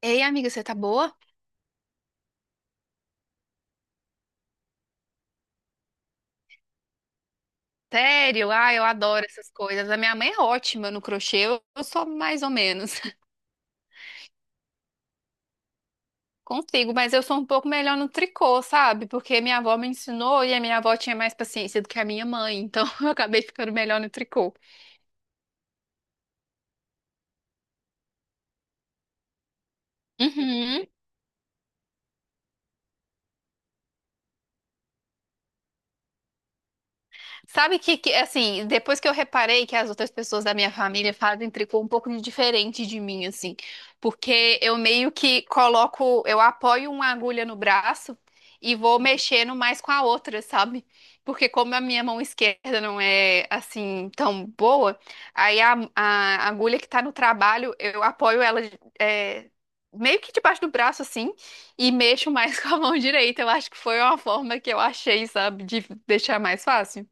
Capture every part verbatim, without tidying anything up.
Ei, amiga, você tá boa? Sério? Ah, eu adoro essas coisas. A minha mãe é ótima no crochê, eu eu sou mais ou menos. Consigo, mas eu sou um pouco melhor no tricô, sabe? Porque minha avó me ensinou e a minha avó tinha mais paciência do que a minha mãe, então eu acabei ficando melhor no tricô. Uhum. Sabe que, que, assim, depois que eu reparei que as outras pessoas da minha família fazem tricô um pouco de diferente de mim, assim, porque eu meio que coloco, eu apoio uma agulha no braço e vou mexendo mais com a outra, sabe? Porque como a minha mão esquerda não é, assim, tão boa, aí a, a agulha que tá no trabalho, eu apoio ela, é, meio que debaixo do braço, assim, e mexo mais com a mão direita. Eu acho que foi uma forma que eu achei, sabe, de deixar mais fácil.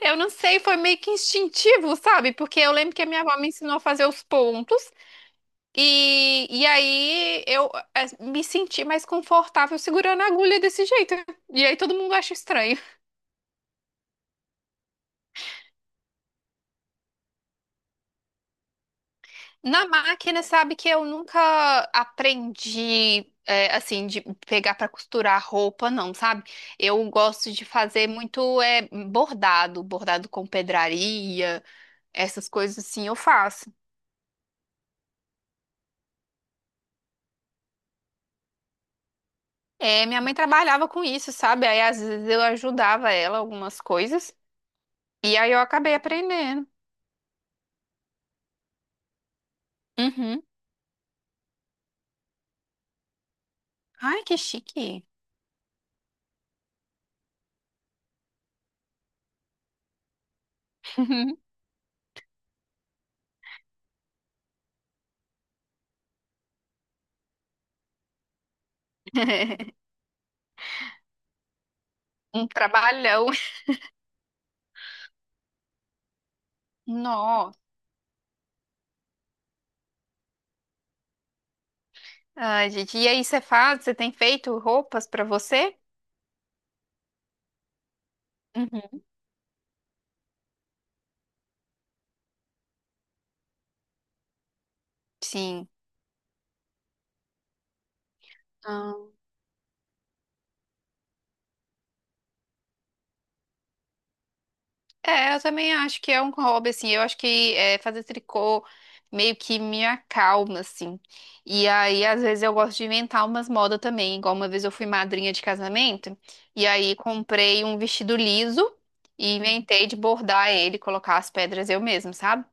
Eu não sei, foi meio que instintivo, sabe? Porque eu lembro que a minha avó me ensinou a fazer os pontos e, e aí eu eh, me senti mais confortável segurando a agulha desse jeito. E aí todo mundo acha estranho. Na máquina, sabe que eu nunca aprendi, eh, assim, de pegar para costurar roupa, não, sabe? Eu gosto de fazer muito eh, bordado, bordado com pedraria, essas coisas assim eu faço. É, minha mãe trabalhava com isso, sabe? Aí às vezes eu ajudava ela algumas coisas e aí eu acabei aprendendo. Uhum. Ai, que chique. Um trabalhão. Nó. Ai, gente. E aí, você faz? Você tem feito roupas pra você? Uhum. Sim. É, eu também acho que é um hobby, assim. Eu acho que é, fazer tricô meio que me acalma, assim. E aí, às vezes, eu gosto de inventar umas modas também. Igual uma vez eu fui madrinha de casamento, e aí comprei um vestido liso e inventei de bordar ele, colocar as pedras eu mesma, sabe?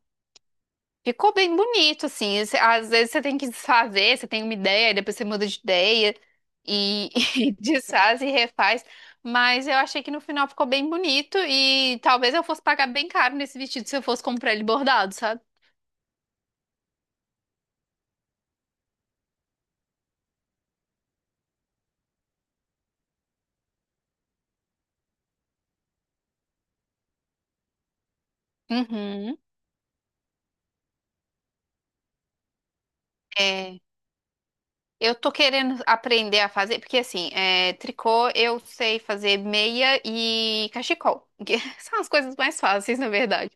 Ficou bem bonito, assim. Esse- Às vezes você tem que desfazer, você tem uma ideia, e depois você muda de ideia e, e desfaz e refaz. Mas eu achei que no final ficou bem bonito e talvez eu fosse pagar bem caro nesse vestido se eu fosse comprar ele bordado, sabe? Uhum. É, eu tô querendo aprender a fazer, porque assim, é, tricô eu sei fazer meia e cachecol, que são as coisas mais fáceis, na verdade.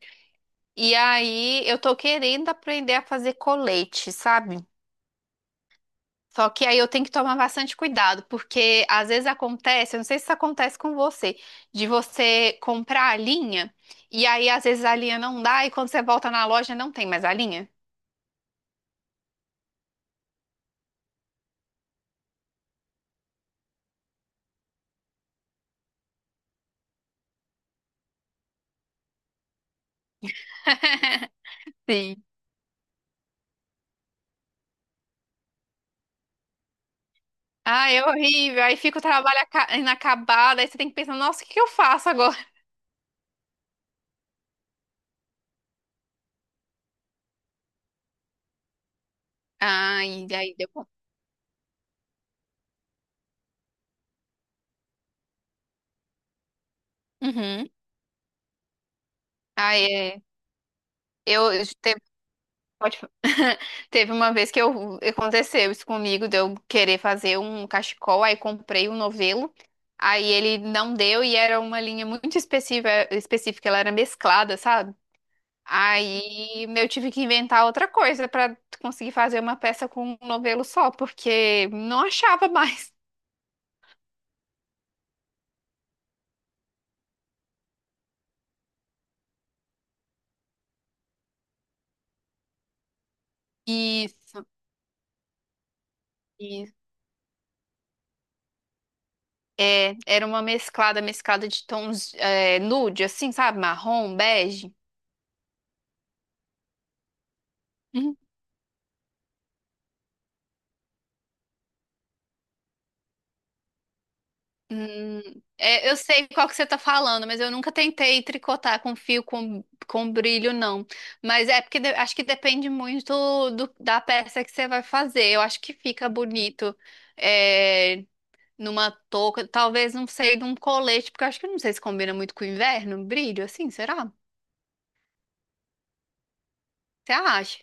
E aí eu tô querendo aprender a fazer colete, sabe? Só que aí eu tenho que tomar bastante cuidado, porque às vezes acontece, eu não sei se isso acontece com você, de você comprar a linha e aí às vezes a linha não dá e quando você volta na loja não tem mais a linha. Sim. Ah, é horrível. Aí fica o trabalho aca- inacabado, aí você tem que pensar, nossa, o que que eu faço agora? Ah, e aí deu bom. Uhum. Ah, é. Eu, eu Pode fa- Teve uma vez que eu, aconteceu isso comigo, de eu querer fazer um cachecol, aí comprei um novelo, aí ele não deu e era uma linha muito específica, específica, ela era mesclada, sabe? Aí eu tive que inventar outra coisa pra conseguir fazer uma peça com um novelo só, porque não achava mais. Isso, isso. É, era uma mesclada, mesclada de tons, é, nude, assim, sabe? Marrom, bege. Hum, é, eu sei qual que você tá falando, mas eu nunca tentei tricotar com fio com, com brilho, não. Mas é porque de- acho que depende muito do, da peça que você vai fazer. Eu acho que fica bonito é, numa touca, talvez não sei, num colete, porque eu acho que não sei se combina muito com o inverno, brilho, assim, será? Você acha?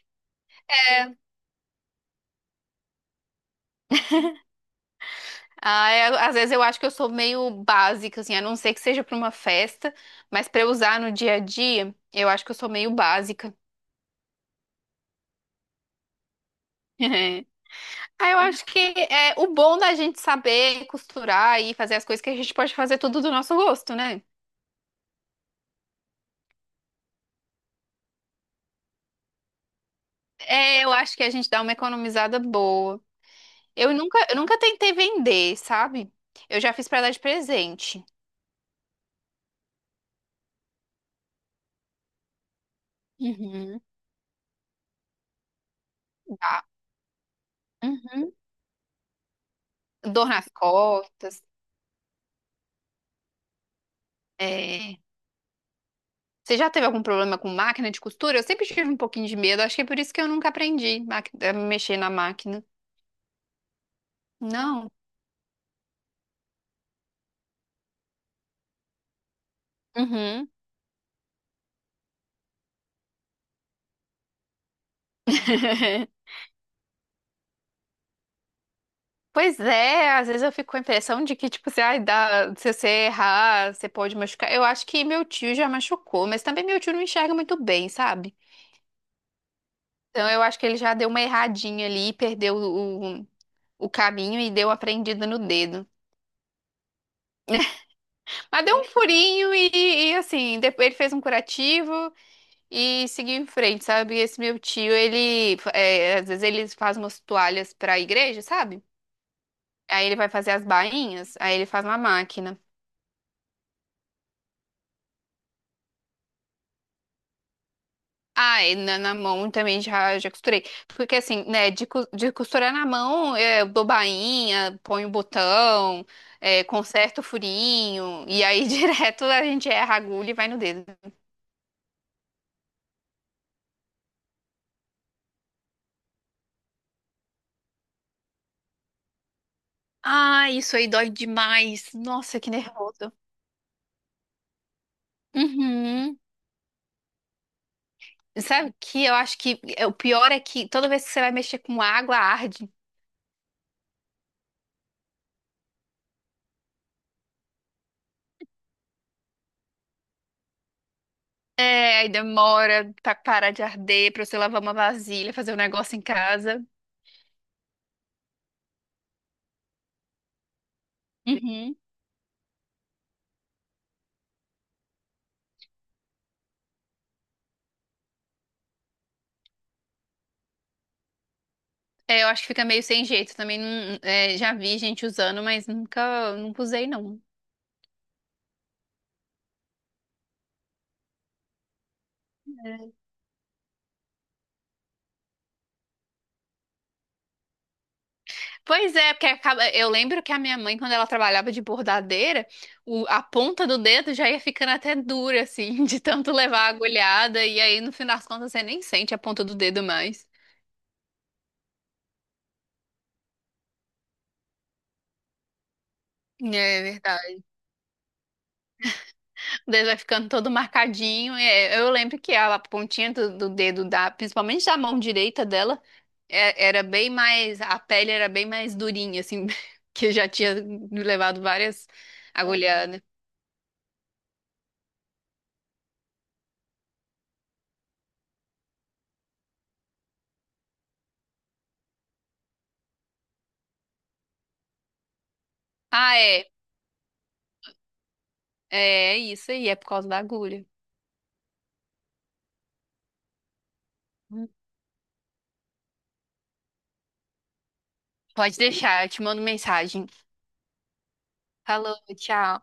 É. Ah, é, às vezes eu acho que eu sou meio básica, assim, a não ser que seja para uma festa, mas para usar no dia a dia, eu acho que eu sou meio básica. Ah, eu acho que é o bom da gente saber costurar e fazer as coisas que a gente pode fazer tudo do nosso gosto, né? É, eu acho que a gente dá uma economizada boa. Eu nunca, eu nunca tentei vender, sabe? Eu já fiz pra dar de presente. Uhum. Tá. Uhum. Dor nas costas. É. Você já teve algum problema com máquina de costura? Eu sempre tive um pouquinho de medo. Acho que é por isso que eu nunca aprendi maqui- a mexer na máquina. Não. Uhum. Pois é, às vezes eu fico com a impressão de que, tipo, se, ai, dá, se você errar, você pode machucar. Eu acho que meu tio já machucou, mas também meu tio não enxerga muito bem, sabe? Então eu acho que ele já deu uma erradinha ali, perdeu o, o caminho e deu uma prendida no dedo. Mas deu um furinho e, e, assim, depois ele fez um curativo e seguiu em frente, sabe? Esse meu tio, ele, é, às vezes ele faz umas toalhas pra igreja, sabe? Aí ele vai fazer as bainhas, aí ele faz uma máquina. Ah, e na, na mão também já, já costurei. Porque assim, né, de, cos- de costurar na mão, é, eu dou bainha, ponho botão, é, conserto o furinho, e aí direto a gente erra a agulha e vai no dedo. Ah, isso aí dói demais. Nossa, que nervoso. Uhum. Sabe o que eu acho que é, o pior é que toda vez que você vai mexer com água, arde. É, aí demora pra parar de arder, pra você lavar uma vasilha, fazer um negócio em casa. É, eu acho que fica meio sem jeito também. Não, é, já vi gente usando, mas nunca, nunca usei, não. Pois é, porque acaba, eu lembro que a minha mãe, quando ela trabalhava de bordadeira, o- a ponta do dedo já ia ficando até dura, assim, de tanto levar a agulhada, e aí no fim das contas você nem sente a ponta do dedo mais. É verdade. O dedo vai ficando todo marcadinho. É, eu lembro que a pontinha do, do dedo da, principalmente da mão direita dela, É- Era bem mais, a pele era bem mais durinha, assim, que eu já tinha me levado várias, Aham, agulhadas. Ah, é, é, é isso aí, é por causa da agulha. Hum. Pode deixar, eu te mando mensagem. Falou, tchau.